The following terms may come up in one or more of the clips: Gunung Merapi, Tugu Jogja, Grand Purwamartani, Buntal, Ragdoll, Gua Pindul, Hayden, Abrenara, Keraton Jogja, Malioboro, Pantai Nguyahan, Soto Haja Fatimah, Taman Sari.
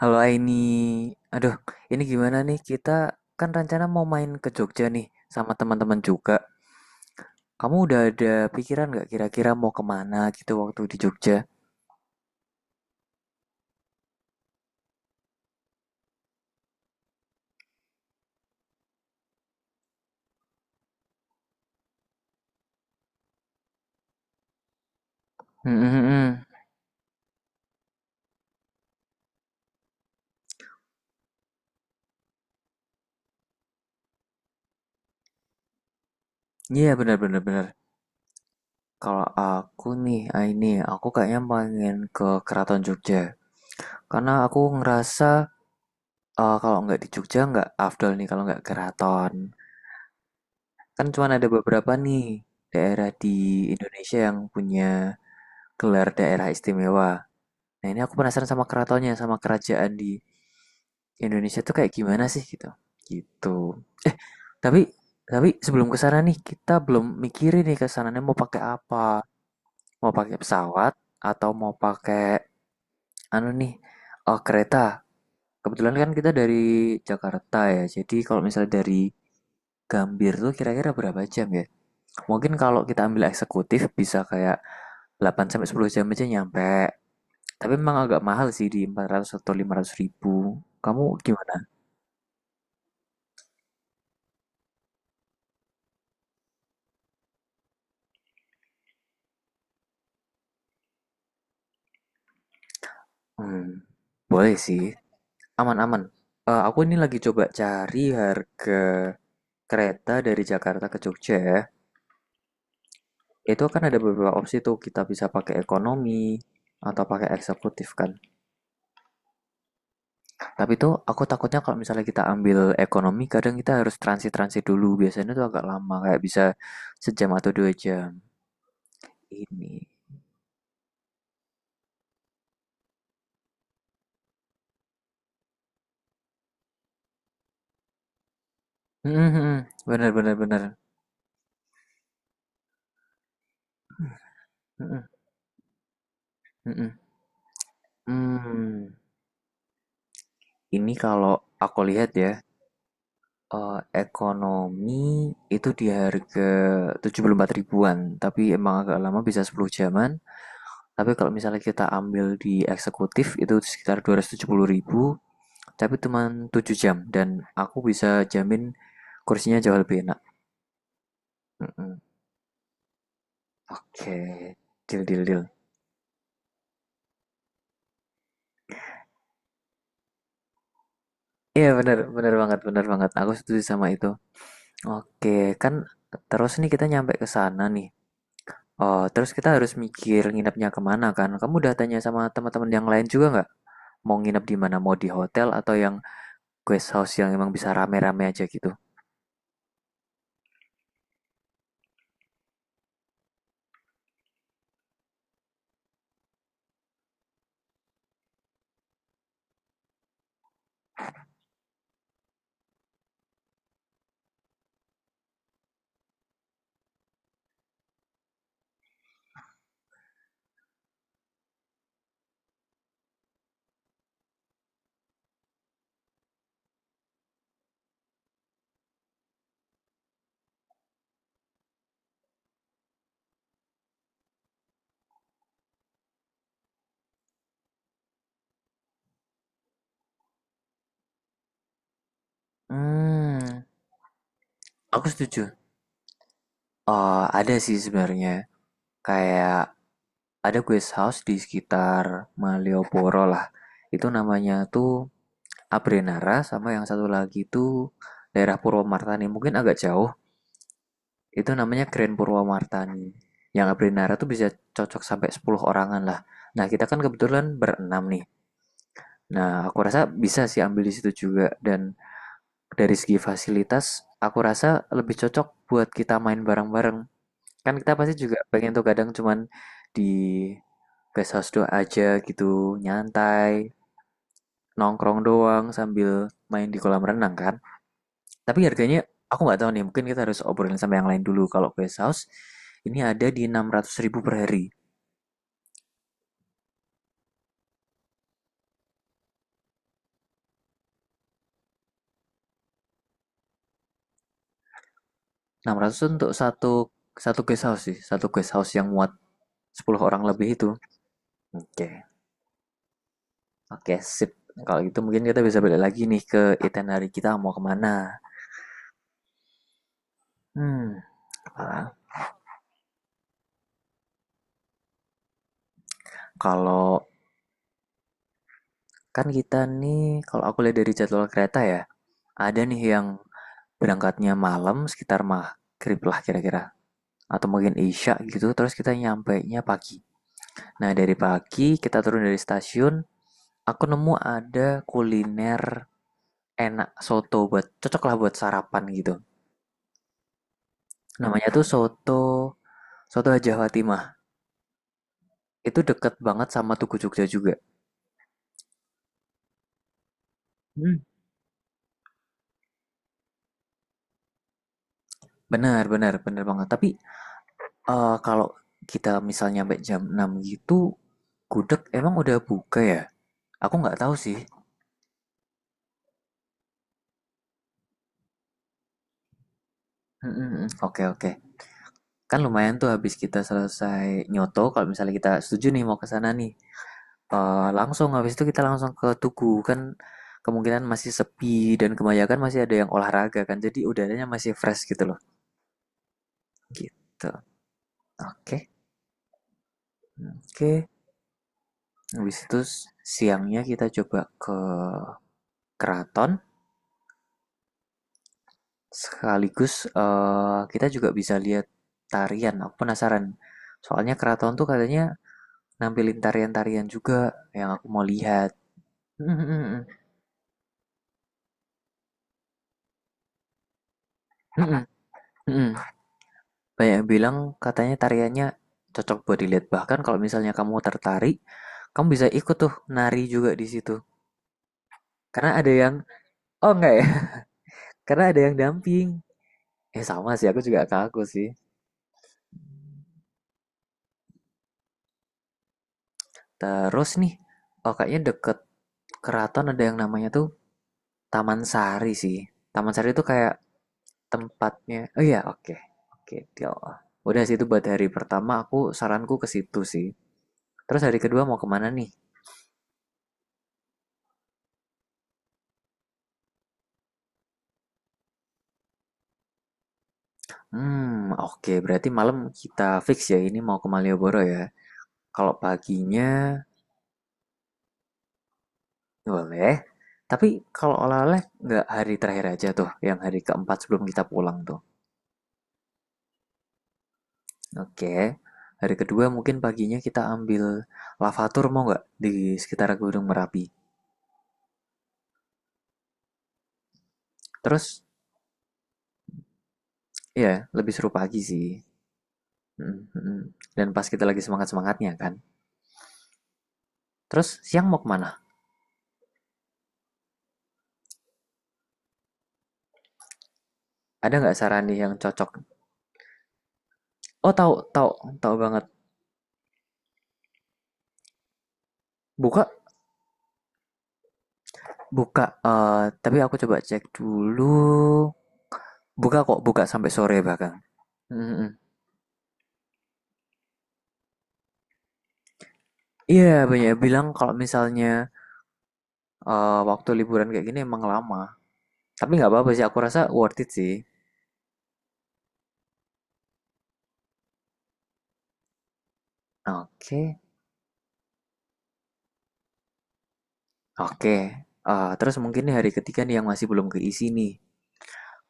Halo Aini, aduh ini gimana nih kita kan rencana mau main ke Jogja nih sama teman-teman juga. Kamu udah ada pikiran nggak kira-kira mau kemana gitu waktu di Jogja? Hmm, hmm, hmm. hmm. Iya benar benar benar. Kalau aku nih Aini, aku kayaknya pengen ke Keraton Jogja karena aku ngerasa kalau nggak di Jogja nggak afdol nih kalau nggak keraton. Kan cuma ada beberapa nih daerah di Indonesia yang punya gelar daerah istimewa. Nah, ini aku penasaran sama keratonnya, sama kerajaan di Indonesia tuh kayak gimana sih gitu. Gitu. Eh, tapi sebelum ke sana nih, kita belum mikirin nih kesananya mau pakai apa. Mau pakai pesawat atau mau pakai anu nih, Oh kereta. Kebetulan kan kita dari Jakarta ya. Jadi kalau misalnya dari Gambir tuh kira-kira berapa jam ya? Mungkin kalau kita ambil eksekutif bisa kayak 8 sampai 10 jam aja nyampe. Tapi memang agak mahal sih di 400 atau 500 ribu. Kamu gimana? Hmm, boleh sih. Aman-aman. Aku ini lagi coba cari harga kereta dari Jakarta ke Jogja ya. Itu kan ada beberapa opsi tuh. Kita bisa pakai ekonomi atau pakai eksekutif kan. Tapi tuh aku takutnya kalau misalnya kita ambil ekonomi, kadang kita harus transit-transit dulu. Biasanya tuh agak lama, kayak bisa sejam atau dua jam. Ini. Bener bener bener. Mm-mm, mm Hmm, Hmm. hmm. Hmm. Ini kalau aku lihat ya, eh, ekonomi itu di harga 74 ribuan, tapi emang agak lama bisa 10 jaman. Tapi kalau misalnya kita ambil di eksekutif itu sekitar 270 ribu, tapi cuma 7 jam dan aku bisa jamin kursinya jauh lebih enak. Mm-mm. Oke, deal deal deal. Iya bener, bener banget, bener banget. Aku setuju sama itu. Oke, kan terus nih kita nyampe ke sana nih. Oh, terus kita harus mikir nginepnya kemana kan? Kamu udah tanya sama teman-teman yang lain juga nggak? Mau nginep di mana? Mau di hotel atau yang guest house yang emang bisa rame-rame aja gitu? Hmm, aku setuju. Oh, ada sih sebenarnya. Kayak ada guest house di sekitar Malioboro lah. Itu namanya tuh Abrenara sama yang satu lagi tuh daerah Purwomartani. Mungkin agak jauh. Itu namanya Grand Purwamartani. Yang Abrinara tuh bisa cocok sampai 10 orangan lah. Nah, kita kan kebetulan berenam nih. Nah, aku rasa bisa sih ambil di situ juga. Dan dari segi fasilitas, aku rasa lebih cocok buat kita main bareng-bareng. Kan kita pasti juga pengen tuh kadang cuman di guest house doang aja gitu, nyantai, nongkrong doang sambil main di kolam renang kan. Tapi harganya aku nggak tahu nih, mungkin kita harus obrolin sama yang lain dulu. Kalau guest house ini ada di enam ratus ribu per hari. Enam ratus untuk satu satu guest house sih, satu guest house yang muat 10 orang lebih itu. Oke, okay. Oke, okay, sip. Kalau gitu mungkin kita bisa balik lagi nih ke itinerary kita mau kemana. Hmm, ah, kalau kan kita nih, kalau aku lihat dari jadwal kereta ya, ada nih yang berangkatnya malam sekitar maghrib lah kira-kira. Atau mungkin isya gitu, terus kita nyampainya pagi. Nah, dari pagi kita turun dari stasiun, aku nemu ada kuliner enak soto buat cocok lah buat sarapan gitu. Namanya tuh soto soto Haja Fatimah. Itu deket banget sama Tugu Jogja juga. Hmm. Benar, benar, benar banget. Tapi kalau kita misalnya sampai jam 6 gitu, gudeg emang udah buka ya? Aku nggak tahu sih. Mm. Oke, oke. Kan lumayan tuh habis kita selesai nyoto kalau misalnya kita setuju nih mau ke sana nih. Langsung habis itu kita langsung ke tugu kan, kemungkinan masih sepi dan kebanyakan masih ada yang olahraga kan, jadi udaranya masih fresh gitu loh. Gitu, oke oke. Habis itu siangnya kita coba ke keraton sekaligus kita juga bisa lihat tarian. Aku penasaran soalnya keraton tuh katanya nampilin tarian-tarian juga yang aku mau lihat. Mm, mm, mm, mm, mm, mm, mm. Banyak yang bilang katanya tariannya cocok buat dilihat. Bahkan kalau misalnya kamu tertarik, kamu bisa ikut tuh nari juga di situ. Karena ada yang, oh enggak ya, karena ada yang damping. Eh sama sih, aku juga kaku sih. Terus nih, oh kayaknya deket keraton ada yang namanya tuh Taman Sari sih. Taman Sari itu kayak tempatnya, oh iya oke, oke, ya Allah. Udah sih itu buat hari pertama aku saranku ke situ sih. Terus hari kedua mau kemana nih? Hmm, oke. Berarti malam kita fix ya ini mau ke Malioboro ya. Kalau paginya boleh. Tapi kalau oleh-oleh nggak hari terakhir aja tuh, yang hari keempat sebelum kita pulang tuh. Oke. Hari kedua mungkin paginya kita ambil lavatur mau nggak di sekitar Gunung Merapi. Terus ya lebih seru pagi sih. Mm, mm. Dan pas kita lagi semangat-semangatnya kan. Terus siang mau kemana? Ada nggak saran nih yang cocok? Oh tahu tahu tahu banget. Buka Buka, eh tapi aku coba cek dulu. Buka kok, buka sampai sore bahkan. Mm-mm. Iya, banyak yang bilang kalau misalnya waktu liburan kayak gini emang lama. Tapi nggak apa-apa sih, aku rasa worth it sih. Oke, oke. Terus mungkin nih hari ketiga nih yang masih belum keisi nih.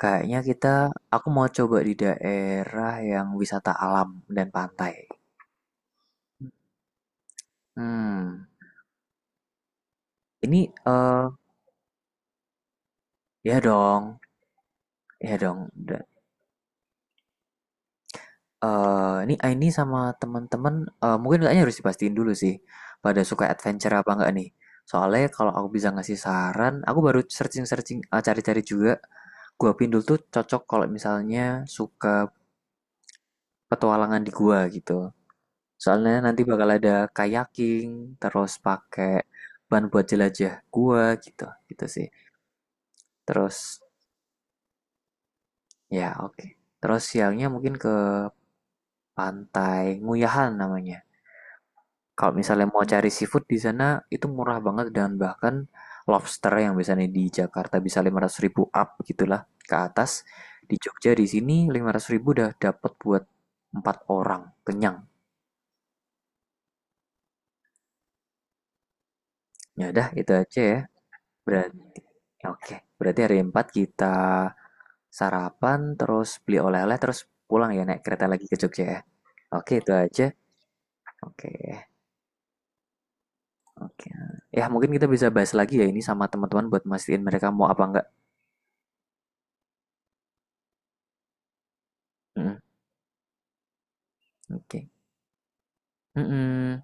Kayaknya kita, aku mau coba di daerah yang wisata alam dan pantai. Hmm, ini eh ya dong, ya dong. Ini Aini sama teman-teman mungkin kayaknya harus dipastiin dulu sih, pada suka adventure apa enggak nih. Soalnya kalau aku bisa ngasih saran, aku baru searching-searching, cari-cari juga, Gua Pindul tuh cocok kalau misalnya suka petualangan di gua gitu. Soalnya nanti bakal ada kayaking, terus pakai ban buat jelajah gua gitu, gitu sih. Terus ya oke, terus siangnya mungkin ke pantai Nguyahan namanya. Kalau misalnya mau cari seafood di sana itu murah banget dan bahkan lobster yang biasanya di Jakarta bisa 500 ribu up gitulah ke atas. Di Jogja di sini 500 ribu udah dapat buat empat orang kenyang. Ya udah itu aja ya. Berarti oke. Berarti hari 4 kita sarapan terus beli oleh-oleh terus pulang ya naik kereta lagi ke Jogja ya. Oke itu aja. Oke. Oke. Ya mungkin kita bisa bahas lagi ya ini sama teman-teman buat mastiin mereka mau apa enggak. Mm, oke. Mhm,